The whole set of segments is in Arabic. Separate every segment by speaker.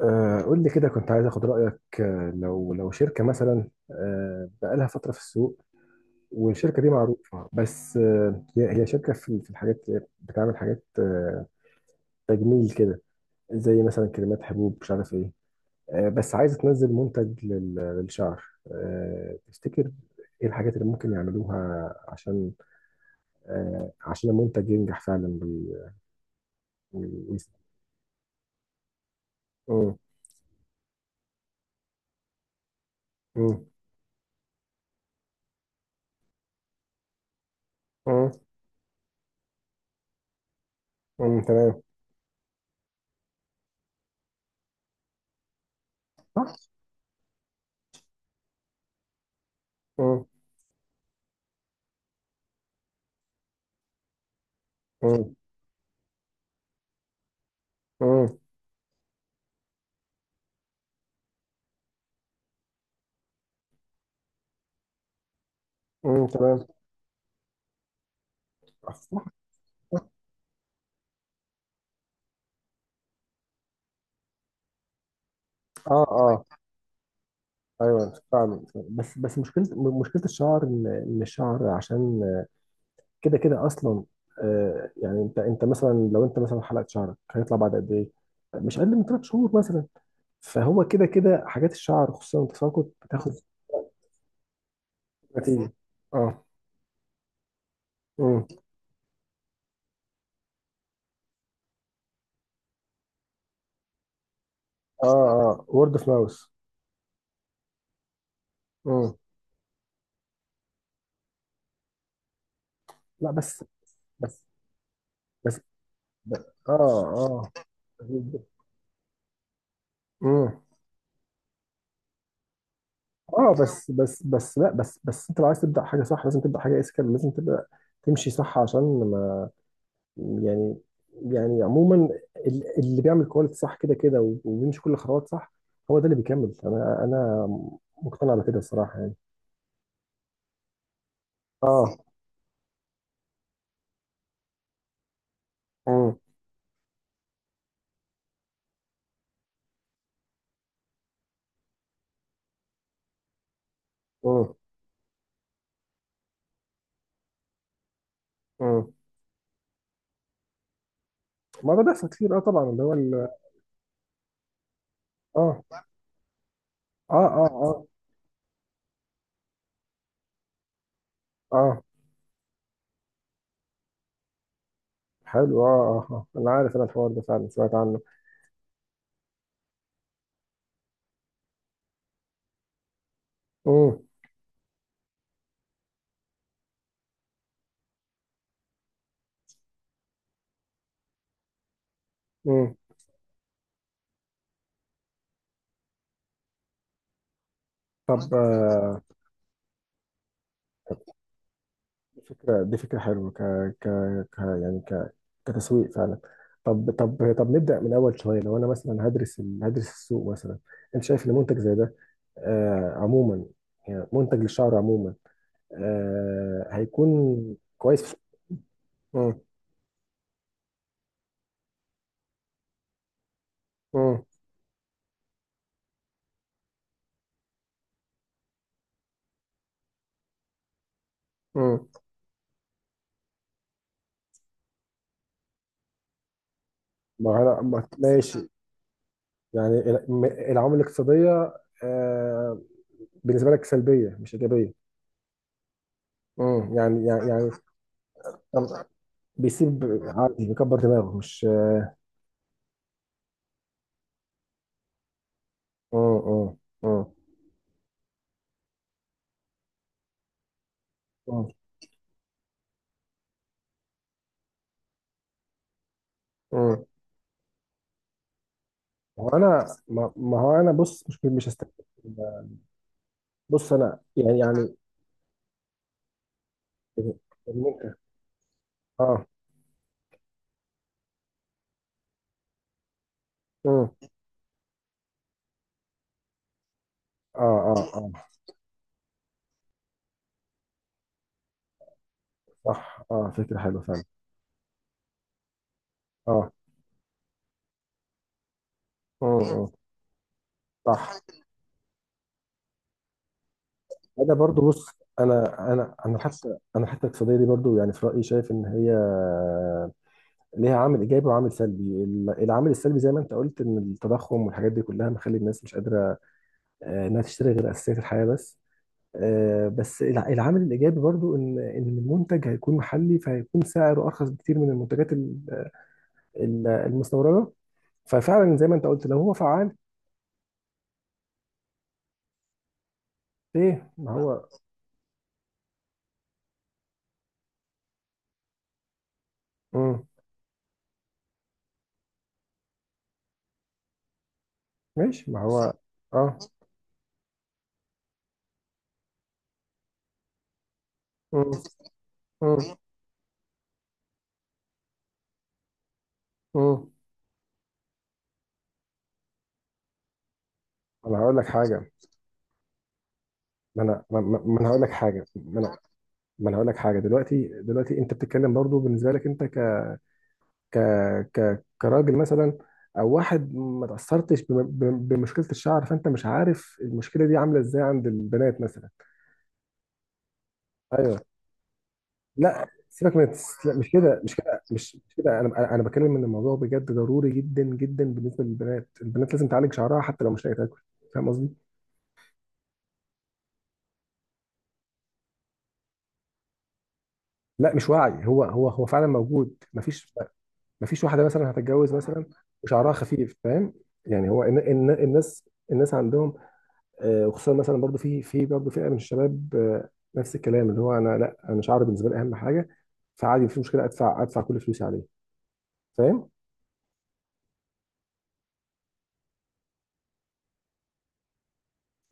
Speaker 1: قول لي كده، كنت عايز اخد رايك. آه، لو لو شركه مثلا، بقالها فتره في السوق، والشركه دي معروفه، بس هي شركه في الحاجات، بتعمل حاجات تجميل كده، زي مثلا كريمات، حبوب، مش عارف ايه. بس عايزه تنزل منتج للشعر. تفتكر ايه الحاجات اللي ممكن يعملوها عشان عشان المنتج ينجح فعلا، وي- وي- مم، مم. مم. مم. تمام. صح. مم، مم. مم. مم. تمام. اه. اه. ايوه، فاهم. بس مشكله، مشكله الشعر ان إن الشعر عشان كده كده اصلا آه، يعني انت مثلا لو انت مثلا حلقت شعرك هيطلع بعد قد ايه؟ مش اقل من ثلاث شهور مثلا، فهو كده كده حاجات الشعر خصوصا التساقط بتاخد نتيجه. اه. مم. اه اه، وورد اوف ماوس. امم. لا بس بس ب- اه اه. مم. اه بس لا بس انت لو عايز تبدا حاجه صح لازم تبدا حاجه اسكال، لازم تبدا تمشي صح عشان، ما، يعني، يعني عموما اللي بيعمل كواليتي صح كده كده وبيمشي كل الخطوات صح هو ده اللي بيكمل. انا مقتنع بكده الصراحه يعني. اه. امم. امم. امم. ما ده بيحصل كتير، اه طبعا، اه اه اه. اه. اه. حلو، اه اه، آه. انا عارف، انا الحوار ده فعلا سمعت عنه. امم. امم. طب آه، فكرة دي فكرة حلوة ك... ك... يعني ك... كتسويق فعلا. طب نبدأ من أول شوية، لو أنا مثلا هدرس السوق مثلا، أنت شايف إن منتج زي ده آه عموما، يعني منتج للشعر عموما آه، هيكون كويس؟ مم. مم. مم. ما هلا، ماشي. يعني العوامل الاقتصادية آه، بالنسبة لك سلبية مش إيجابية. مم. يعني يعني يعني. طب، بيسيب عادي، بيكبر دماغه مش. مم. مم. مم. مم. مم. ما هو انا، ما هو انا بص، مش هستنى. بص انا يعني يعني، إن أنت- اه. مم. اه اه اه، صح، اه فكره حلوه فعلا. اه. مم. مم. صح. انا برضو بص، انا حتى الاقتصاديه دي برضو، يعني في رايي شايف ان هي ليها عامل ايجابي وعامل سلبي. العامل السلبي زي ما انت قلت ان التضخم والحاجات دي كلها مخلي الناس مش قادره آه، انها تشتري غير اساسيات الحياه بس. آه، بس العامل الايجابي برضو ان المنتج هيكون محلي فهيكون سعره ارخص بكتير من المنتجات المستورده، ففعلا زي ما انت قلت لو هو فعال. ايه ما هو. امم. ماشي ما هو. اه. امم. امم. امم. انا هقول لك حاجه، ما انا، ما انا هقول لك حاجه، ما انا ما انا هقول لك حاجه. دلوقتي، دلوقتي انت بتتكلم برضو بالنسبه لك انت، ك ك كراجل مثلا او واحد ما تاثرتش بمشكله الشعر، فانت مش عارف المشكله دي عامله ازاي عند البنات مثلا. ايوه. لا سيبك من لا مش كده انا بتكلم ان الموضوع بجد ضروري جدا جدا بالنسبه للبنات. البنات لازم تعالج شعرها حتى لو مش لاقيه تاكل، فاهم قصدي. لا مش وعي، هو فعلا موجود. مفيش، مفيش واحده مثلا هتتجوز مثلا وشعرها خفيف، فاهم. يعني هو إن الناس، الناس عندهم آه، وخصوصا مثلا برضو في برضو فئه من الشباب آه، نفس الكلام اللي هو انا، لا انا شعري بالنسبه لي اهم حاجه، فعادي مفيش مشكله ادفع كل فلوسي عليه، فاهم.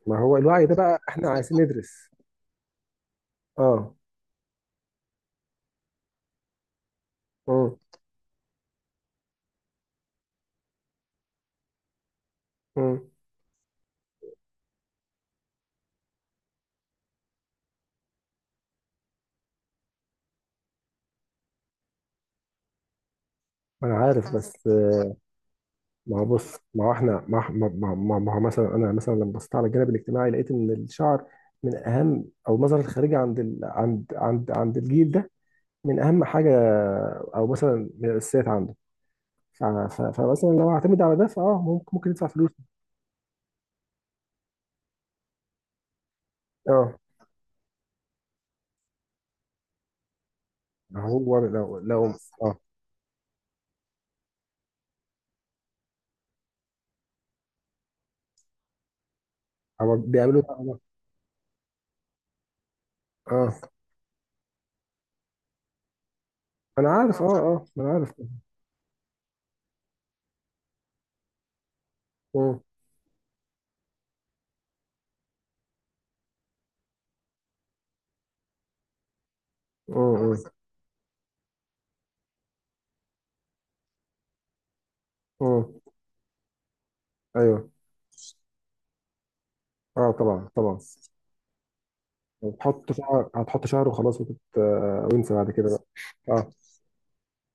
Speaker 1: ما هو الوعي ده بقى احنا عايزين ندرس. اه. امم. امم. انا عارف بس آه، ما هو بص، ما هو احنا ما هو مثلا انا مثلا لما بصيت على الجانب الاجتماعي لقيت ان الشعر من اهم، او النظره الخارجيه عند عند الجيل ده من اهم حاجه، او مثلا من الاساسيات عنده. فمثلا لو اعتمد على ده فاه ممكن يدفع فلوس. اه. هو لو لو. اه. هو بيعملوا ده اه. آه. انا عارف اه اه، انا عارف اه. اه اه. اه. ايوه. اه طبعا، هتحط شهر وخلاص آه، وانسى بعد كده بقى. اه.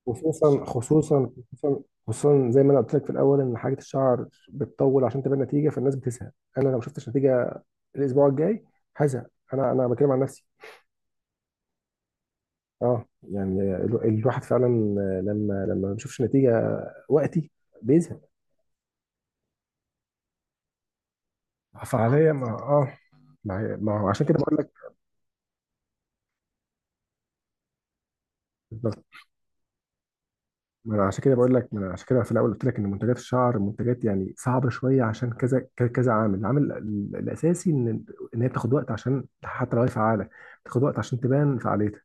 Speaker 1: خصوصا خصوصا زي ما انا قلت لك في الاول ان حاجه الشعر بتطول عشان تبان نتيجه فالناس بتزهق. انا لو ما شفتش نتيجه الاسبوع الجاي هزهق. انا بتكلم عن نفسي. اه، يعني الواحد فعلا لما ما بيشوفش نتيجه وقتي بيزهق. فعليا ما اه، ما ما هو عشان كده بقول لك. بالظبط. ما انا عشان كده بقول لك، ما انا عشان كده في الاول قلت لك ان منتجات الشعر منتجات يعني صعبه شويه عشان كذا كذا عامل، العامل الاساسي ان هي بتاخد وقت، عشان حتى لو هي فعاله بتاخد وقت عشان تبان فعاليتها،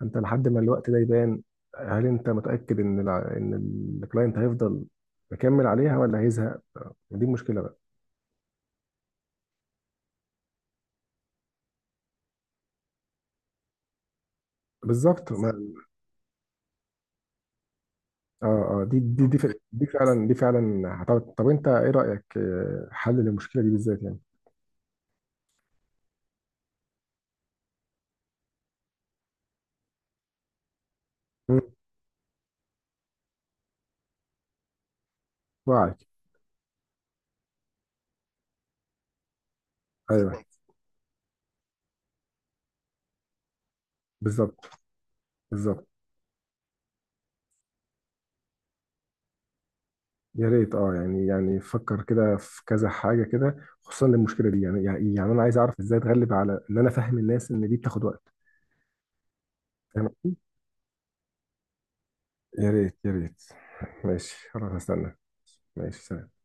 Speaker 1: فانت لحد ما الوقت ده يبان هل انت متاكد ان ان الكلاينت هيفضل مكمل عليها ولا هيزهق؟ دي المشكله بقى. بالظبط. اه. اه دي فعلا دي فعلا. طب انت ايه رأيك آه، حل للمشكلة دي بالذات يعني. مم. وعي. ايوه، بالظبط. بالظبط. يا ريت، اه يعني، يعني فكر كده في كذا حاجة كده، خصوصا للمشكلة دي، يعني يعني يعني انا عايز اعرف ازاي اتغلب على ان انا افهم الناس ان دي بتاخد وقت. فاهم قصدي؟ يا ريت. ماشي خلاص هستنى. ماشي، سلام.